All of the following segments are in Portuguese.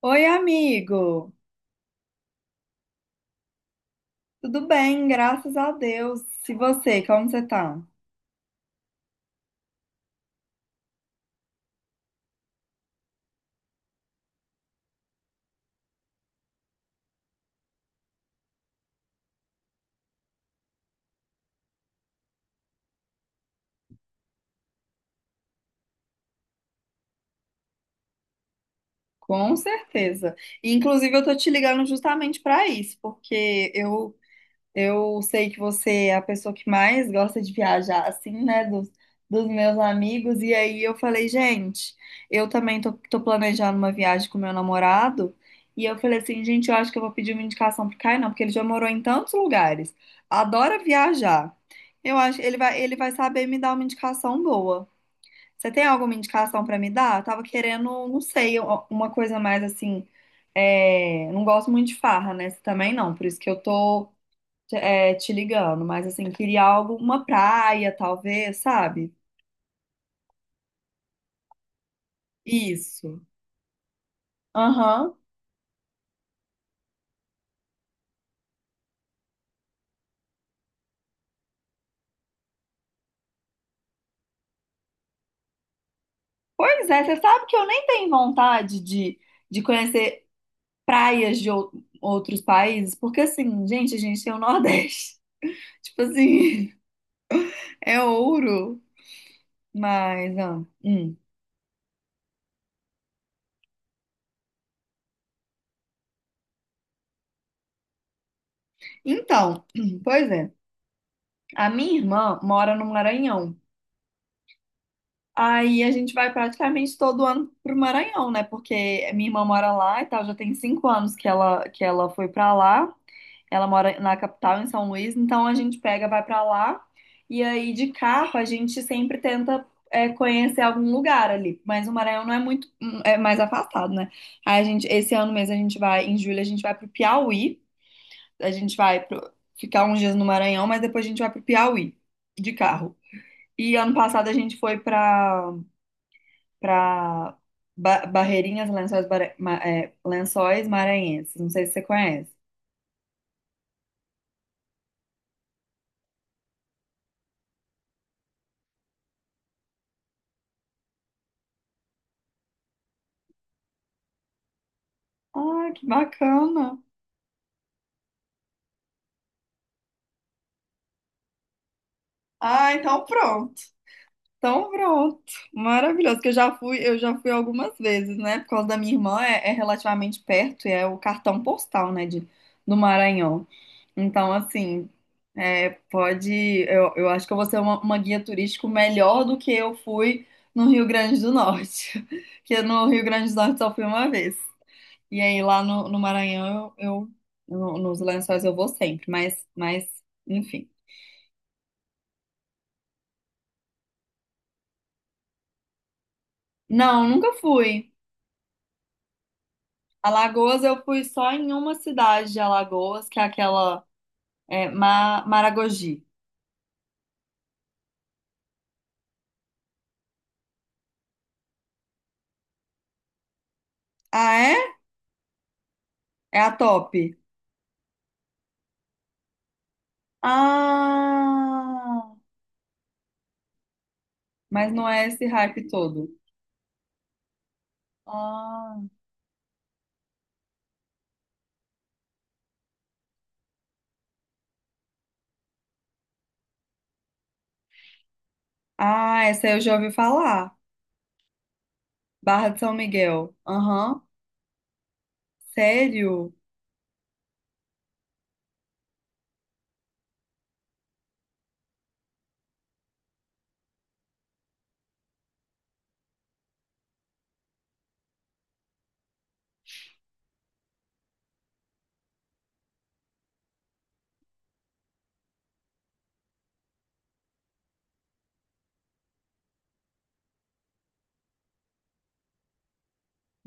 Oi, amigo. Tudo bem, graças a Deus. E você, como você tá? Com certeza. Inclusive, eu tô te ligando justamente para isso, porque eu sei que você é a pessoa que mais gosta de viajar, assim, né, dos meus amigos. E aí eu falei, gente, eu também tô planejando uma viagem com meu namorado. E eu falei assim, gente, eu acho que eu vou pedir uma indicação pro Caio, não, porque ele já morou em tantos lugares, adora viajar. Eu acho que ele vai saber me dar uma indicação boa. Você tem alguma indicação pra me dar? Eu tava querendo, não sei, uma coisa mais assim. Não gosto muito de farra, né? Você também não, por isso que eu tô te ligando, mas assim, queria algo, uma praia, talvez, sabe? Isso. Aham. Pois é, você sabe que eu nem tenho vontade de conhecer praias de outros países, porque assim, gente, a gente tem o Nordeste. Tipo assim, é ouro. Mas, ah. Então, pois é. A minha irmã mora no Maranhão. Aí a gente vai praticamente todo ano pro Maranhão, né? Porque minha irmã mora lá e tal, já tem 5 anos que ela foi pra lá. Ela mora na capital, em São Luís, então a gente pega, vai pra lá. E aí de carro a gente sempre tenta conhecer algum lugar ali. Mas o Maranhão não é muito, é mais afastado, né? Esse ano mesmo em julho a gente vai pro Piauí. A gente vai ficar uns dias no Maranhão, mas depois a gente vai pro Piauí de carro. E ano passado a gente foi pra para Barreirinhas, Lençóis, Bara- Ma- é, Lençóis Maranhenses. Não sei se você conhece. Ah, que bacana. Ah, então pronto. Então pronto. Maravilhoso, que eu já fui algumas vezes, né? Por causa da minha irmã, é relativamente perto, e é o cartão postal, né, do Maranhão. Então, assim, é, pode, eu acho que eu vou ser uma, guia turístico melhor do que eu fui no Rio Grande do Norte, que no Rio Grande do Norte só fui uma vez. E aí lá no Maranhão eu no- nos Lençóis eu vou sempre, mas enfim. Não, nunca fui. Alagoas eu fui só em uma cidade de Alagoas, que é aquela Maragogi. Ah, é? É a top. Ah, mas não é esse hype todo. Ah, ah, essa eu já ouvi falar. Barra de São Miguel. Aham. Sério?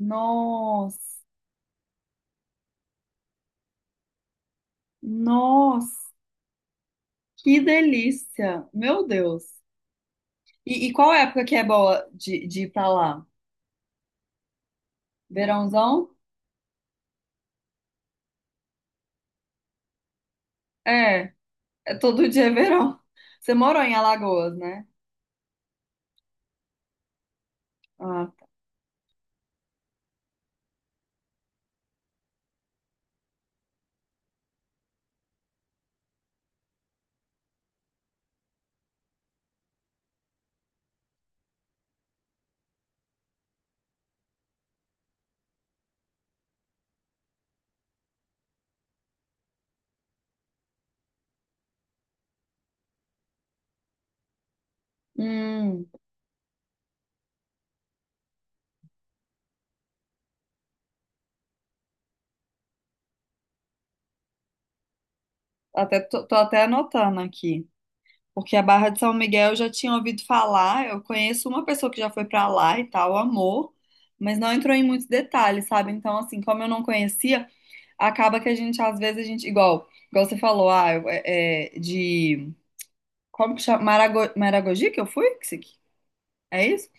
Nossa. Nossa. Que delícia! Meu Deus! E qual época que é boa de ir pra lá? Verãozão? É, é todo dia é verão. Você morou em Alagoas, né? Ah, tá. Hum, até, tô até anotando aqui. Porque a Barra de São Miguel eu já tinha ouvido falar. Eu conheço uma pessoa que já foi pra lá e tal, amor, mas não entrou em muitos detalhes, sabe? Então, assim, como eu não conhecia, acaba que a gente, às vezes, a gente, igual você falou, ah, eu- é, é, de. Como que chama? Maragogi que eu fui? Que isso aqui- É isso?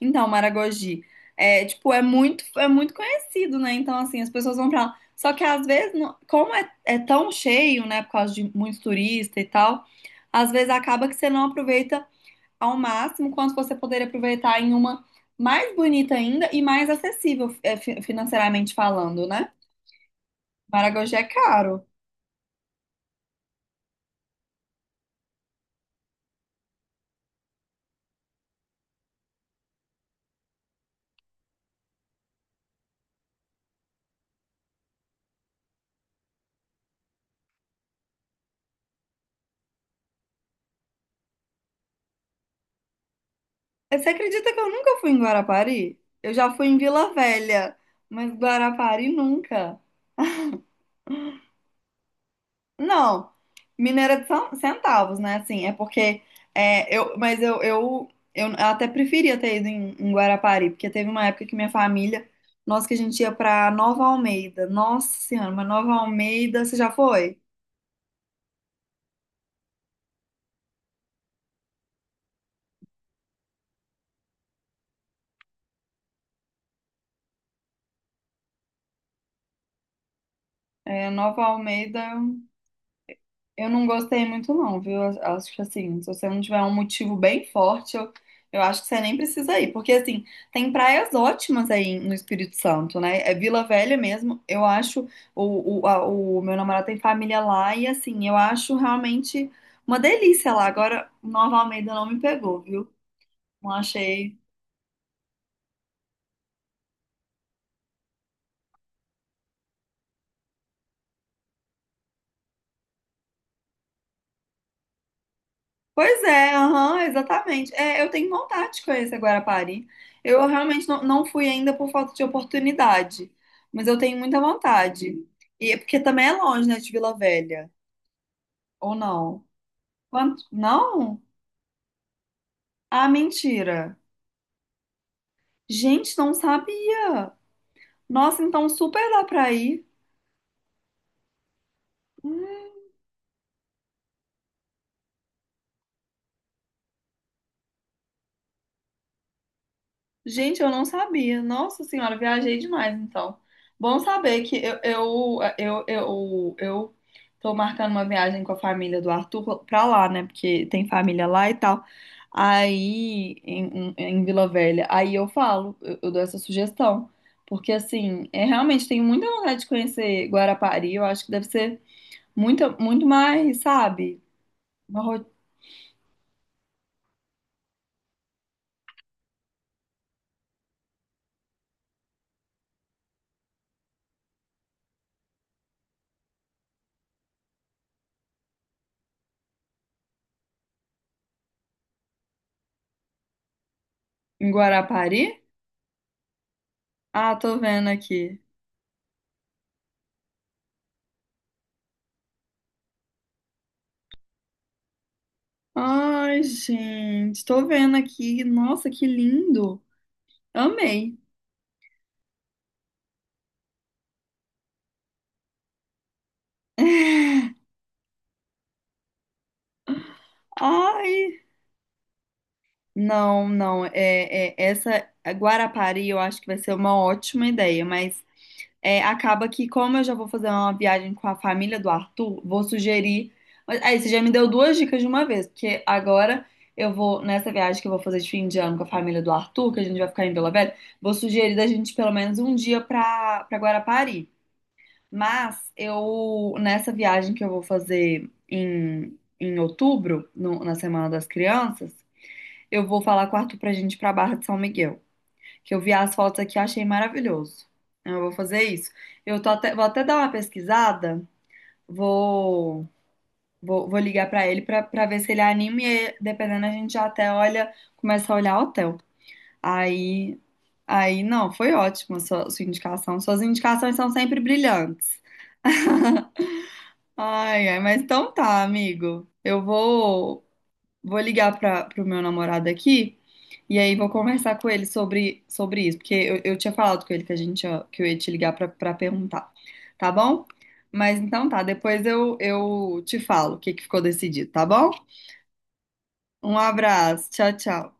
Então, Maragogi. É, tipo, é muito conhecido, né? Então, assim, as pessoas vão pra lá. Só que às vezes, como é tão cheio, né? Por causa de muitos turistas e tal, às vezes acaba que você não aproveita ao máximo, quanto você poderia aproveitar em uma mais bonita ainda e mais acessível, financeiramente falando, né? Maragogi é caro. Você acredita que eu nunca fui em Guarapari? Eu já fui em Vila Velha, mas Guarapari nunca. Não, Mineira de centavos, né? Assim, é porque é, eu, mas eu até preferia ter ido em Guarapari, porque teve uma época que minha família, nossa, que a gente ia pra Nova Almeida. Nossa Senhora, mas Nova Almeida, você já foi? É, Nova Almeida. Eu não gostei muito, não, viu? Eu acho que assim, se você não tiver um motivo bem forte, eu acho que você nem precisa ir. Porque, assim, tem praias ótimas aí no Espírito Santo, né? É Vila Velha mesmo. Eu acho. O meu namorado tem família lá e, assim, eu acho realmente uma delícia lá. Agora, Nova Almeida não me pegou, viu? Não achei. Pois é, aham, exatamente. É, eu tenho vontade de conhecer Guarapari. Eu realmente não fui ainda por falta de oportunidade, mas eu tenho muita vontade. E é porque também é longe, né, de Vila Velha, ou não? Quanto? Não? Ah, mentira. Gente, não sabia. Nossa, então super dá pra ir. Gente, eu não sabia. Nossa senhora, viajei demais, então. Bom saber que eu tô marcando uma viagem com a família do Arthur pra lá, né? Porque tem família lá e tal. Aí, em, em Vila Velha. Aí eu falo, eu dou essa sugestão. Porque, assim, é, realmente tenho muita vontade de conhecer Guarapari. Eu acho que deve ser muito, muito mais, sabe? Uma ro- Em Guarapari? Ah, tô vendo aqui. Ai, gente, tô vendo aqui. Nossa, que lindo. Amei. Ai. Não, não. Essa Guarapari eu acho que vai ser uma ótima ideia, mas acaba que, como eu já vou fazer uma viagem com a família do Arthur, vou sugerir. Mas, aí, você já me deu duas dicas de uma vez, porque agora eu vou, nessa viagem que eu vou fazer de fim de ano com a família do Arthur, que a gente vai ficar em Vila Velha, vou sugerir da gente pelo menos um dia pra, pra Guarapari. Mas eu, nessa viagem que eu vou fazer em, em outubro, na Semana das Crianças, eu vou falar com o Arthur pra gente ir pra Barra de São Miguel, que eu vi as fotos aqui e achei maravilhoso. Então, eu vou fazer isso. Eu tô até, vou até dar uma pesquisada, vou, vou ligar pra ele pra ver se ele anima e aí, dependendo a gente já até olha, começa a olhar hotel. Aí, aí não, foi ótimo a sua indicação. Suas indicações são sempre brilhantes. Ai, ai, mas então tá, amigo. Eu vou ligar para o meu namorado aqui e aí vou conversar com ele sobre isso, porque eu tinha falado com ele que a gente ia- que eu ia te ligar para perguntar, tá bom? Mas então tá, depois eu te falo o que que ficou decidido, tá bom? Um abraço, tchau, tchau.